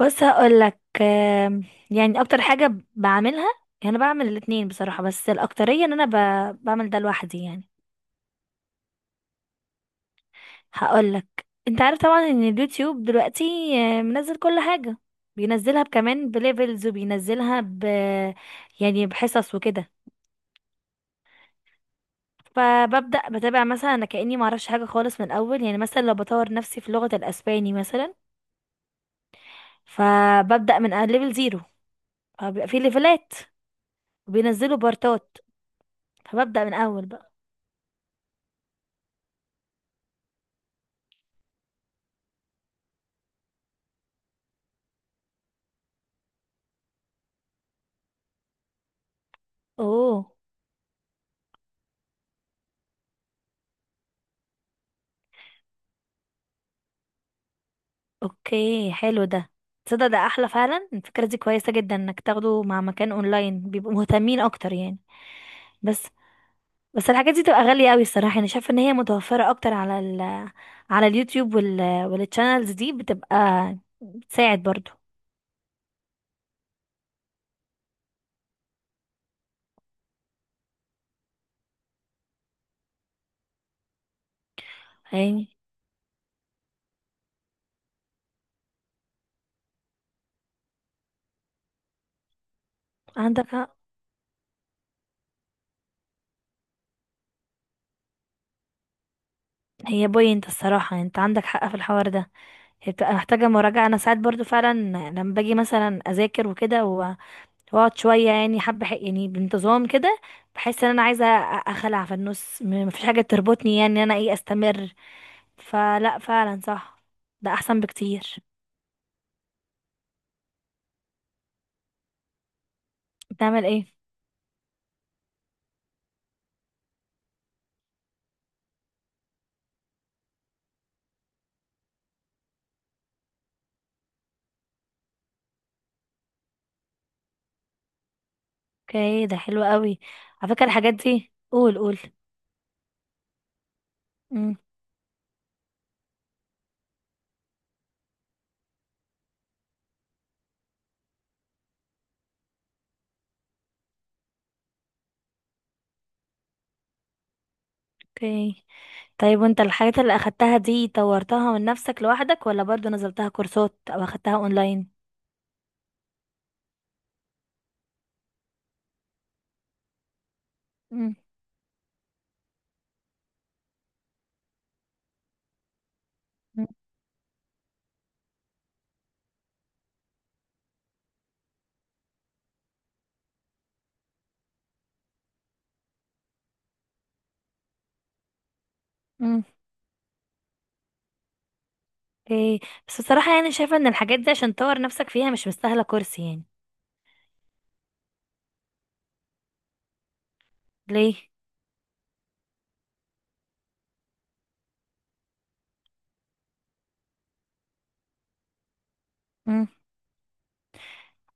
بص، هقولك يعني اكتر حاجة بعملها. يعني انا بعمل الاتنين بصراحة، بس الاكترية ان انا بعمل ده لوحدي يعني. هقولك، انت عارف طبعا ان اليوتيوب دلوقتي منزل كل حاجة، بينزلها كمان بليفلز، وبينزلها يعني بحصص وكده. فببدأ بتابع، مثلا انا كأني معرفش حاجة خالص من الاول. يعني مثلا لو بطور نفسي في لغة الاسباني مثلا، فببدأ من ليفل 0. فبيبقى في ليفلات وبينزلوا بارتات، فببدأ من اول بقى. اوه اوكي، حلو ده. تصدق ده احلى فعلا، الفكرة دي كويسة جدا انك تاخده مع مكان اونلاين، بيبقوا مهتمين اكتر يعني. بس بس الحاجات دي تبقى غالية قوي الصراحة. انا شايفة ان هي متوفرة اكتر على على اليوتيوب، والتشانلز دي بتبقى بتساعد برضو يعني. عندك حق، هي بوينت الصراحة يعني، انت عندك حق في الحوار ده. هي بتبقى محتاجة مراجعة، انا ساعات برضو فعلا لما باجي مثلا اذاكر وكده، واقعد شويه يعني حبه يعني بانتظام كده. بحس ان انا عايزه اخلع في النص، مفيش حاجه تربطني يعني ان انا ايه استمر. فلا فعلا صح، ده احسن بكتير. بتعمل ايه؟ اوكي، ده حلو قوي. على فكره الحاجات دي، قول قول. مم. اوكي. طيب وانت الحاجات اللي اخدتها دي طورتها من نفسك لوحدك، ولا برضو نزلتها كورسات او اخدتها اونلاين؟ مم. مم. مم. اوكي. بس بصراحه يعني شايفه ان الحاجات دي عشان تطور نفسك فيها مش مستاهله كورس يعني. ليه؟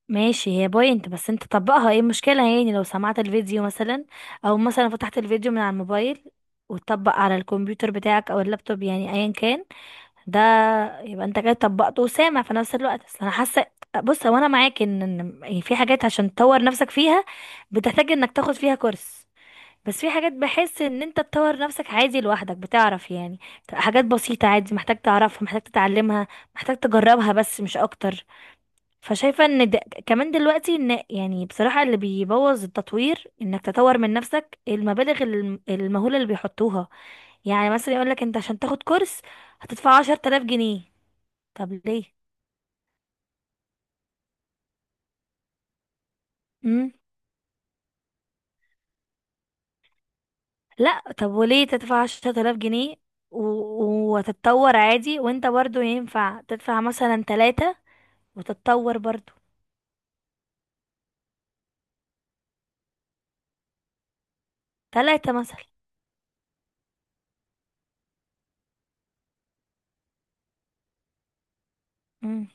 ماشي، هي بوينت، بس انت طبقها ايه المشكلة؟ يعني لو سمعت الفيديو مثلا، او مثلا فتحت الفيديو من على الموبايل وتطبق على الكمبيوتر بتاعك او اللابتوب يعني ايا كان ده، يبقى انت كده طبقته وسامع في نفس الوقت. اصل انا حاسة، بص هو انا معاك ان يعني في حاجات عشان تطور نفسك فيها بتحتاج انك تاخد فيها كورس، بس في حاجات بحس ان انت تطور نفسك عادي لوحدك بتعرف يعني. حاجات بسيطة عادي محتاج تعرفها، محتاج تتعلمها، محتاج تجربها، بس مش اكتر. فشايفة ان كمان دلوقتي، ان يعني بصراحة اللي بيبوظ التطوير انك تطور من نفسك المبالغ المهولة اللي بيحطوها. يعني مثلا يقولك انت عشان تاخد كورس هتدفع 10000 جنيه. طب ليه؟ مم. لا طب وليه تدفع 10000 جنيه و... وتتطور عادي، وانت برضو ينفع تدفع مثلا تلاتة وتتطور برضو؟ تلاتة مثلا. مم.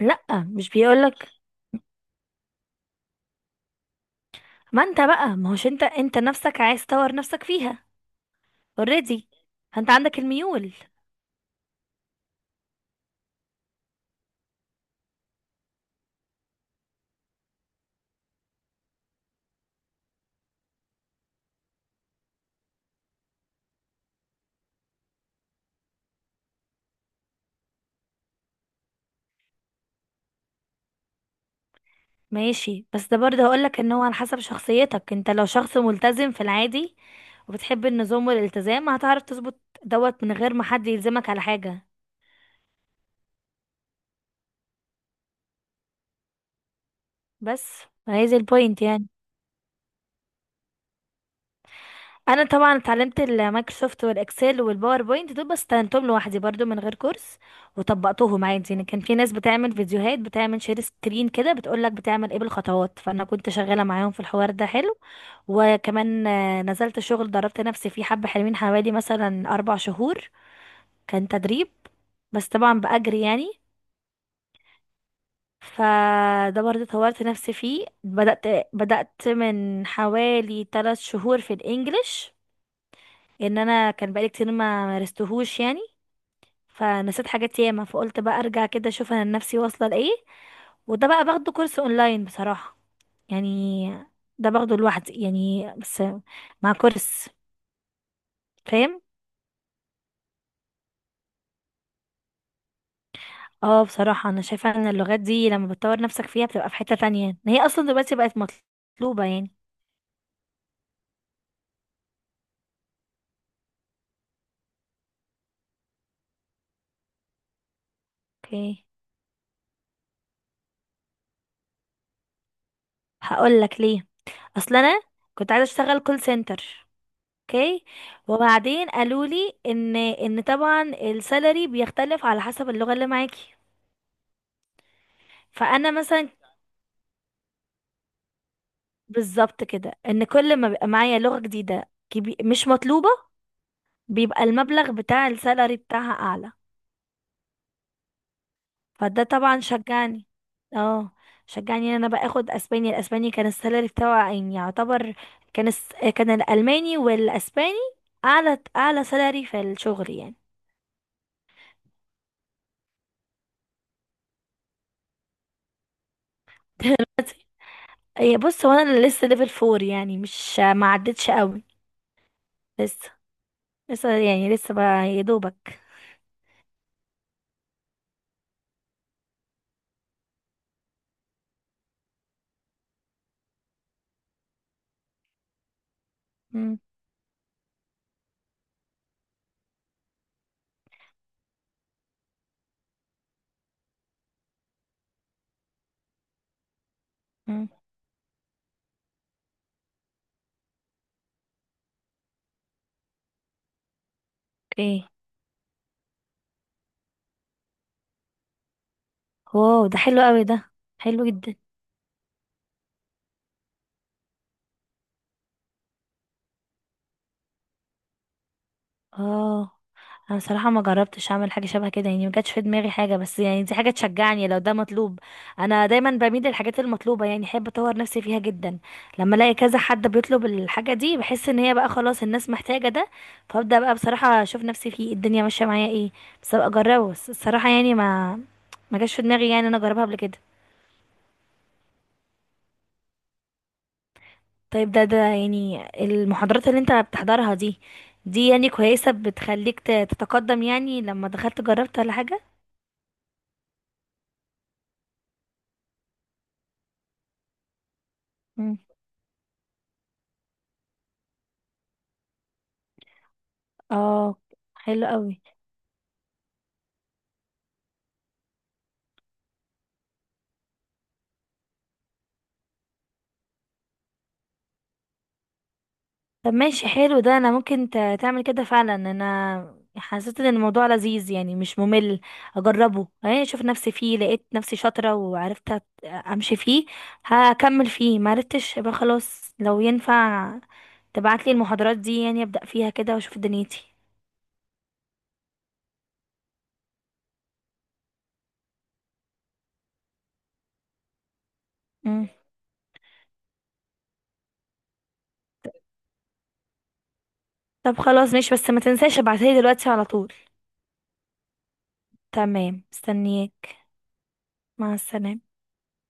لا مش بيقولك. ما انت بقى ما هوش، انت نفسك عايز تطور نفسك فيها. اوريدي، انت عندك الميول. ماشي، بس ده برضه هقولك ان هو على حسب شخصيتك. انت لو شخص ملتزم في العادي وبتحب النظام والالتزام، هتعرف تظبط دوت من غير ما حد يلزمك على حاجة. بس هي دي البوينت يعني. انا طبعا اتعلمت المايكروسوفت والاكسل والباوربوينت دول، بس اتعلمتهم لوحدي برضو من غير كورس وطبقتهم عادي يعني. كان في ناس بتعمل فيديوهات، بتعمل شير سكرين كده، بتقولك بتعمل ايه بالخطوات، فانا كنت شغالة معاهم في الحوار ده حلو. وكمان نزلت شغل دربت نفسي فيه حبة حلوين، حوالي مثلا 4 شهور كان تدريب، بس طبعا بأجري يعني. فده برضه طورت نفسي فيه. بدأت من حوالي 3 شهور في الإنجليش، إن أنا كان بقالي كتير ما مارستهوش يعني، فنسيت حاجات ياما، فقلت بقى أرجع كده أشوف أنا نفسي واصلة لإيه. وده بقى باخده كورس أونلاين بصراحة، يعني ده باخده لوحدي يعني بس مع كورس. فاهم. اه بصراحة انا شايفة ان اللغات دي لما بتطور نفسك فيها بتبقى في حتة تانية، ان هي اصلا دلوقتي بقت مطلوبة يعني. اوكي. هقول لك ليه. اصل انا كنت عايزة اشتغل كول سنتر. اوكي. وبعدين قالوا لي ان طبعا السالري بيختلف على حسب اللغة اللي معاكي. فانا مثلا بالظبط كده، ان كل ما بيبقى معايا لغة جديدة مش مطلوبة، بيبقى المبلغ بتاع السالري بتاعها اعلى. فده طبعا اه شجعني ان انا بقى اخد اسباني. الاسباني كان السالري بتاعه يعني يعتبر، كان الس... كان الالماني والاسباني اعلى اعلى سالري في الشغل يعني. هي بص، هو انا لسه ليفل 4 يعني، مش ما عدتش قوي. لسه، لسه يعني لسه بقى يا دوبك. مم. مم. اوكي. واو ده حلو قوي ده، حلو جدا. اه انا صراحه ما جربتش اعمل حاجه شبه كده يعني، ما جاتش في دماغي حاجه. بس يعني دي حاجه تشجعني لو ده مطلوب. انا دايما بميل للحاجات المطلوبه، يعني احب اطور نفسي فيها جدا. لما الاقي كذا حد بيطلب الحاجه دي بحس ان هي بقى خلاص الناس محتاجه ده، فابدا بقى بصراحه اشوف نفسي فيه الدنيا ماشيه معايا ايه، بس ابقى اجربه. بس الصراحه يعني ما جاتش في دماغي يعني انا اجربها قبل كده. طيب، ده يعني المحاضرات اللي انت بتحضرها دي يعني كويسه بتخليك تتقدم؟ يعني لما دخلت جربت ولا حاجه؟ اه حلو قوي. طب ماشي، حلو ده. انا ممكن تعمل كده فعلا. انا حسيت ان الموضوع لذيذ يعني مش ممل. اجربه اهي اشوف نفسي فيه، لقيت نفسي شاطرة وعرفت امشي فيه. هكمل فيه، ما عرفتش يبقى خلاص. لو ينفع تبعت لي المحاضرات دي يعني ابدا فيها كده واشوف دنيتي. مم. طب خلاص ماشي، بس ما تنساش ابعتها لي دلوقتي على طول. تمام، مستنياك. مع السلامة.